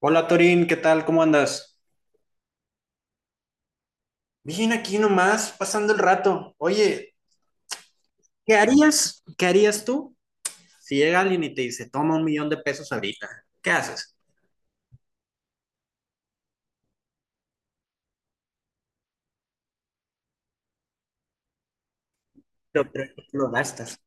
Hola Torín, ¿qué tal? ¿Cómo andas? Bien, aquí nomás, pasando el rato. Oye, ¿qué harías? ¿Qué harías tú si llega alguien y te dice, toma 1 millón de pesos ahorita? ¿Qué haces? Lo, lo gastas.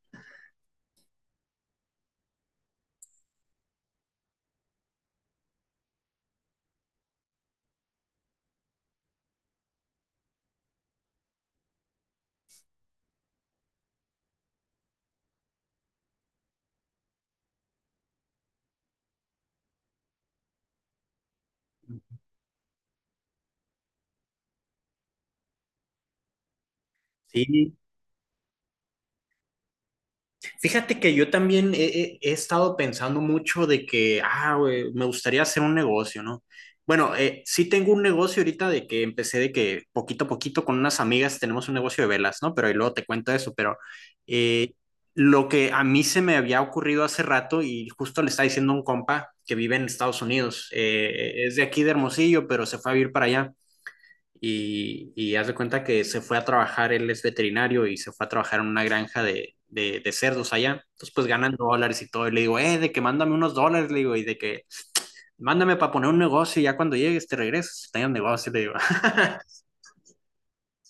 Sí. Fíjate que yo también he estado pensando mucho de que, ah, güey, me gustaría hacer un negocio, ¿no? Bueno, sí tengo un negocio ahorita de que empecé de que poquito a poquito con unas amigas tenemos un negocio de velas, ¿no? Pero ahí luego te cuento eso, pero eh, lo que a mí se me había ocurrido hace rato y justo le está diciendo a un compa que vive en Estados Unidos, es de aquí de Hermosillo, pero se fue a vivir para allá y haz de cuenta que se fue a trabajar, él es veterinario y se fue a trabajar en una granja de cerdos allá. Entonces, pues ganan dólares y todo. Y le digo, de que mándame unos dólares, le digo, y de que mándame para poner un negocio y ya cuando llegues te regresas, tenga un negocio, le digo.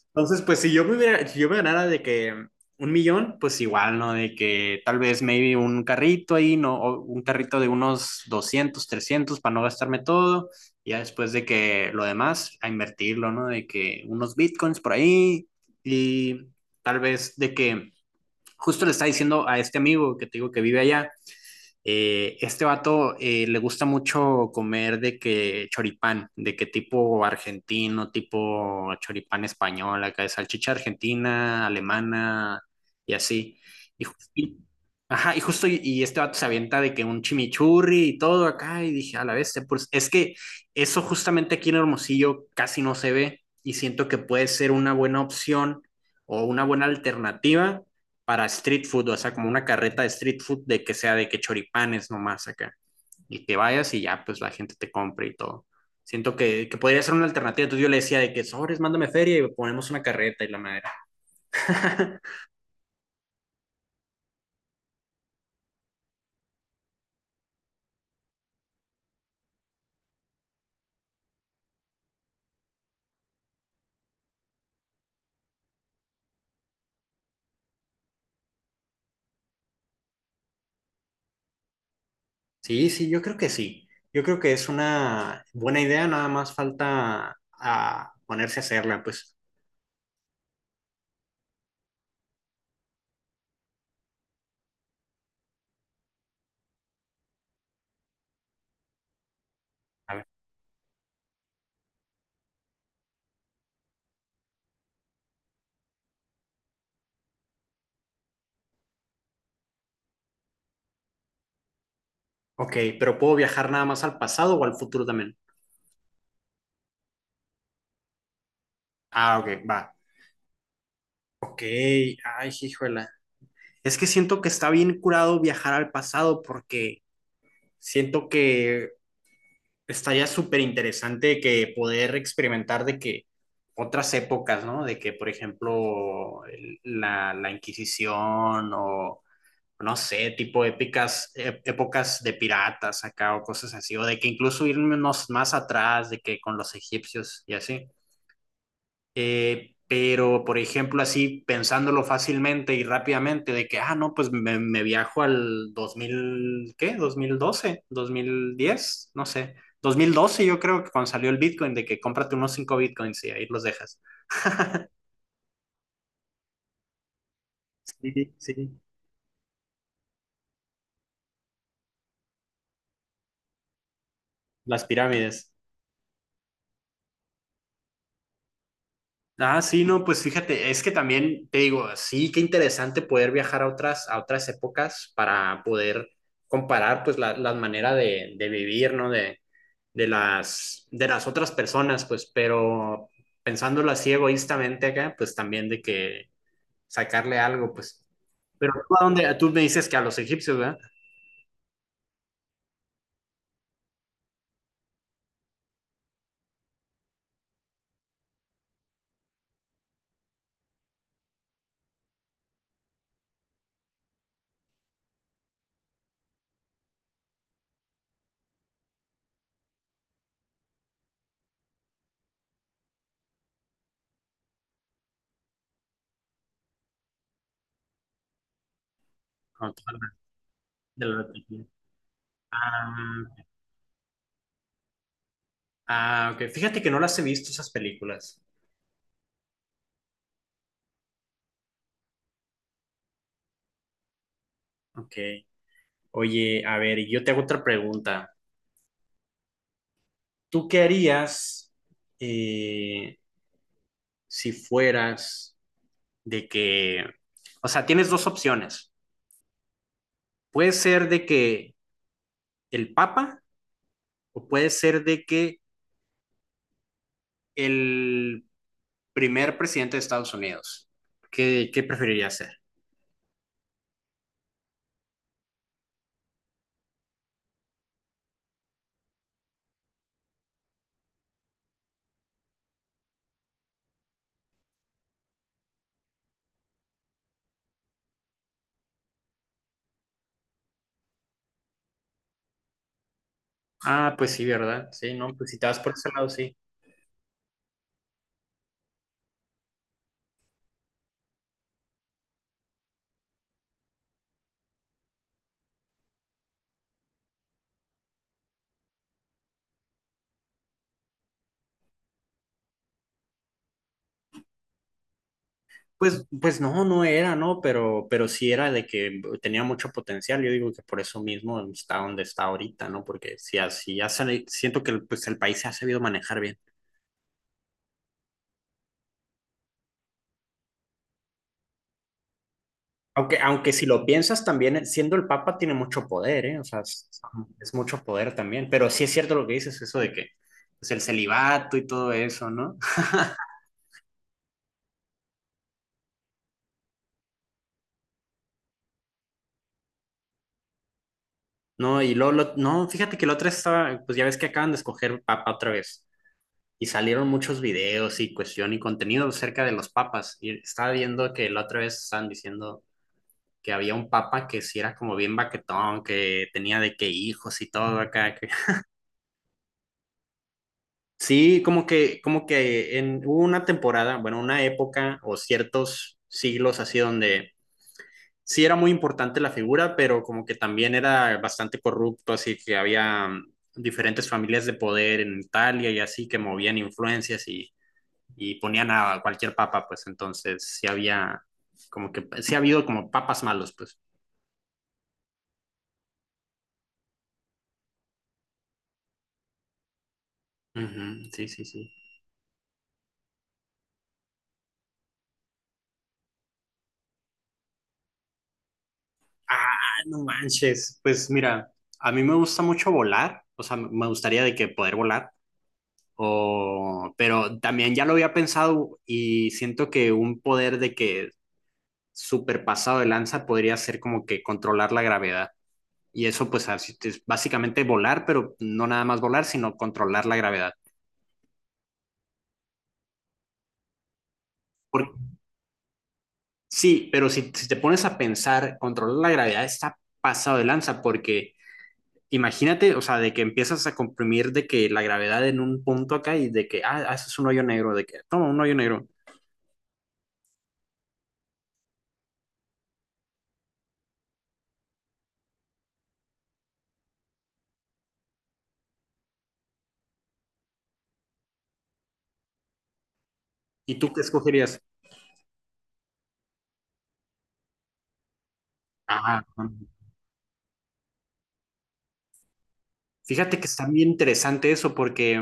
Entonces, pues si yo me ganara de que 1 millón, pues igual, ¿no? De que tal vez maybe un carrito ahí, ¿no? O un carrito de unos 200 300 para no gastarme todo. Y ya después de que lo demás, a invertirlo, ¿no? De que unos bitcoins por ahí y tal vez de que justo le estaba diciendo a este amigo que te digo que vive allá, este vato le gusta mucho comer de que choripán, de que tipo argentino, tipo choripán español, acá de salchicha argentina, alemana y así. Y, ju- y- ajá, y justo y este vato se avienta de que un chimichurri y todo acá y dije, a la vez, pues es que eso justamente aquí en Hermosillo casi no se ve y siento que puede ser una buena opción o una buena alternativa para street food, o sea, como una carreta de street food de que sea de que choripanes nomás acá. Y que vayas y ya, pues la gente te compre y todo. Siento que podría ser una alternativa. Entonces yo le decía de que sobres, mándame feria y ponemos una carreta y la madera. Sí, sí, yo creo que sí. Yo creo que es una buena idea, nada más falta a ponerse a hacerla, pues. A ver. Ok, pero ¿puedo viajar nada más al pasado o al futuro también? Ah, ok, va. Ok, ay, híjole. Es que siento que está bien curado viajar al pasado porque siento que estaría súper interesante que poder experimentar de que otras épocas, ¿no? De que, por ejemplo, la Inquisición o, no sé, tipo épocas de piratas acá o cosas así, o de que incluso irnos más atrás, de que con los egipcios y así. Pero, por ejemplo, así pensándolo fácilmente y rápidamente, de que, ah, no, pues me viajo al 2000 ¿qué? Dos mil doce 2010, no sé. 2012 yo creo que cuando salió el Bitcoin, de que cómprate unos 5 Bitcoins y ahí los dejas. Sí, sí. Las pirámides. Ah, sí, no, pues fíjate, es que también te digo, sí, qué interesante poder viajar a otras épocas para poder comparar pues la manera de vivir, ¿no? De las otras personas, pues, pero pensándolo así egoístamente acá, pues también de que sacarle algo, pues. Pero tú, ¿a dónde? Tú me dices que a los egipcios, ¿verdad? No, tú hablas de la religión. Ah, ah, ok. Fíjate que no las he visto esas películas. Ok. Oye, a ver, yo te hago otra pregunta. ¿Tú qué harías eh, si fueras de que, o sea, tienes dos opciones. Puede ser de que el Papa o puede ser de que el primer presidente de Estados Unidos, ¿qué preferiría ser? Ah, pues sí, ¿verdad? Sí, no, pues si te vas por ese lado, sí. Pues no, no era, ¿no? Pero sí era de que tenía mucho potencial. Yo digo que por eso mismo está donde está ahorita, ¿no? Porque si así siento que pues el país se ha sabido manejar bien. Aunque si lo piensas también, siendo el Papa tiene mucho poder, ¿eh? O sea, es mucho poder también. Pero sí es cierto lo que dices, eso de que pues el celibato y todo eso, ¿no? No, y luego, no, fíjate que la otra estaba, pues ya ves que acaban de escoger papa otra vez y salieron muchos videos y cuestión y contenido acerca de los papas y estaba viendo que la otra vez estaban diciendo que había un papa que sí era como bien baquetón, que tenía de qué hijos y todo acá. Sí, como que en hubo una temporada, bueno, una época o ciertos siglos así donde sí era muy importante la figura, pero como que también era bastante corrupto, así que había diferentes familias de poder en Italia y así que movían influencias y ponían a cualquier papa, pues entonces sí había como que sí ha habido como papas malos, pues. Uh -huh, sí, sí, sí. Ah, no manches. Pues mira, a mí me gusta mucho volar, o sea, me gustaría de que poder volar. O, pero también ya lo había pensado y siento que un poder de que súper pasado de lanza podría ser como que controlar la gravedad. Y eso pues es básicamente volar, pero no nada más volar, sino controlar la gravedad. Por- sí, pero si te pones a pensar, controlar la gravedad está pasado de lanza porque imagínate, o sea, de que empiezas a comprimir de que la gravedad en un punto acá y de que, eso es un hoyo negro, de que, toma, un hoyo negro. ¿Y tú qué escogerías? Ajá. Fíjate que está bien interesante eso porque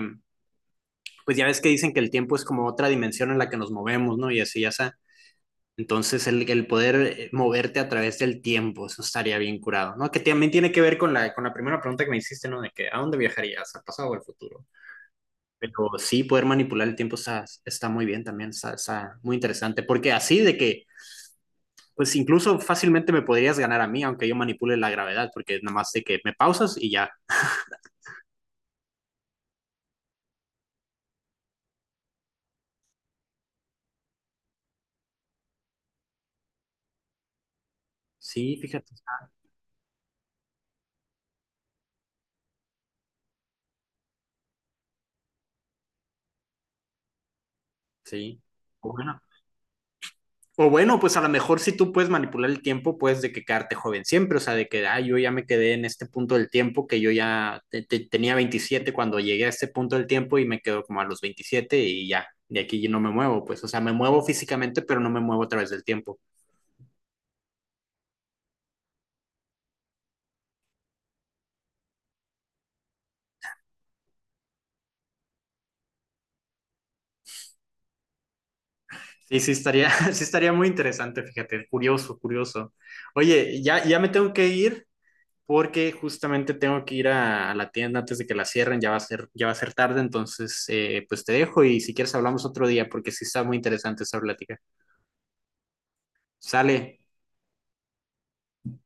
pues ya ves que dicen que el tiempo es como otra dimensión en la que nos movemos, ¿no? Y así ya está. Entonces, el poder moverte a través del tiempo, eso estaría bien curado, ¿no? Que también tiene que ver con la primera pregunta que me hiciste, ¿no? De que, ¿a dónde viajarías? ¿Al pasado o al futuro? Pero sí, poder manipular el tiempo está muy bien también, está muy interesante, porque así de que, pues incluso fácilmente me podrías ganar a mí, aunque yo manipule la gravedad, porque nada más de que me pausas y ya. Sí, fíjate, sí. Bueno. O bueno, pues a lo mejor si tú puedes manipular el tiempo, puedes de que quedarte joven siempre, o sea, de que, ah, yo ya me quedé en este punto del tiempo, que yo ya tenía 27 cuando llegué a este punto del tiempo y me quedo como a los 27 y ya, de aquí yo no me muevo, pues, o sea, me muevo físicamente, pero no me muevo a través del tiempo. Sí, sí estaría, sí estaría muy interesante, fíjate, curioso, curioso. Oye, ya me tengo que ir, porque justamente tengo que ir a la tienda antes de que la cierren, ya va a ser tarde, entonces pues te dejo y si quieres hablamos otro día porque sí está muy interesante esa plática. Sale.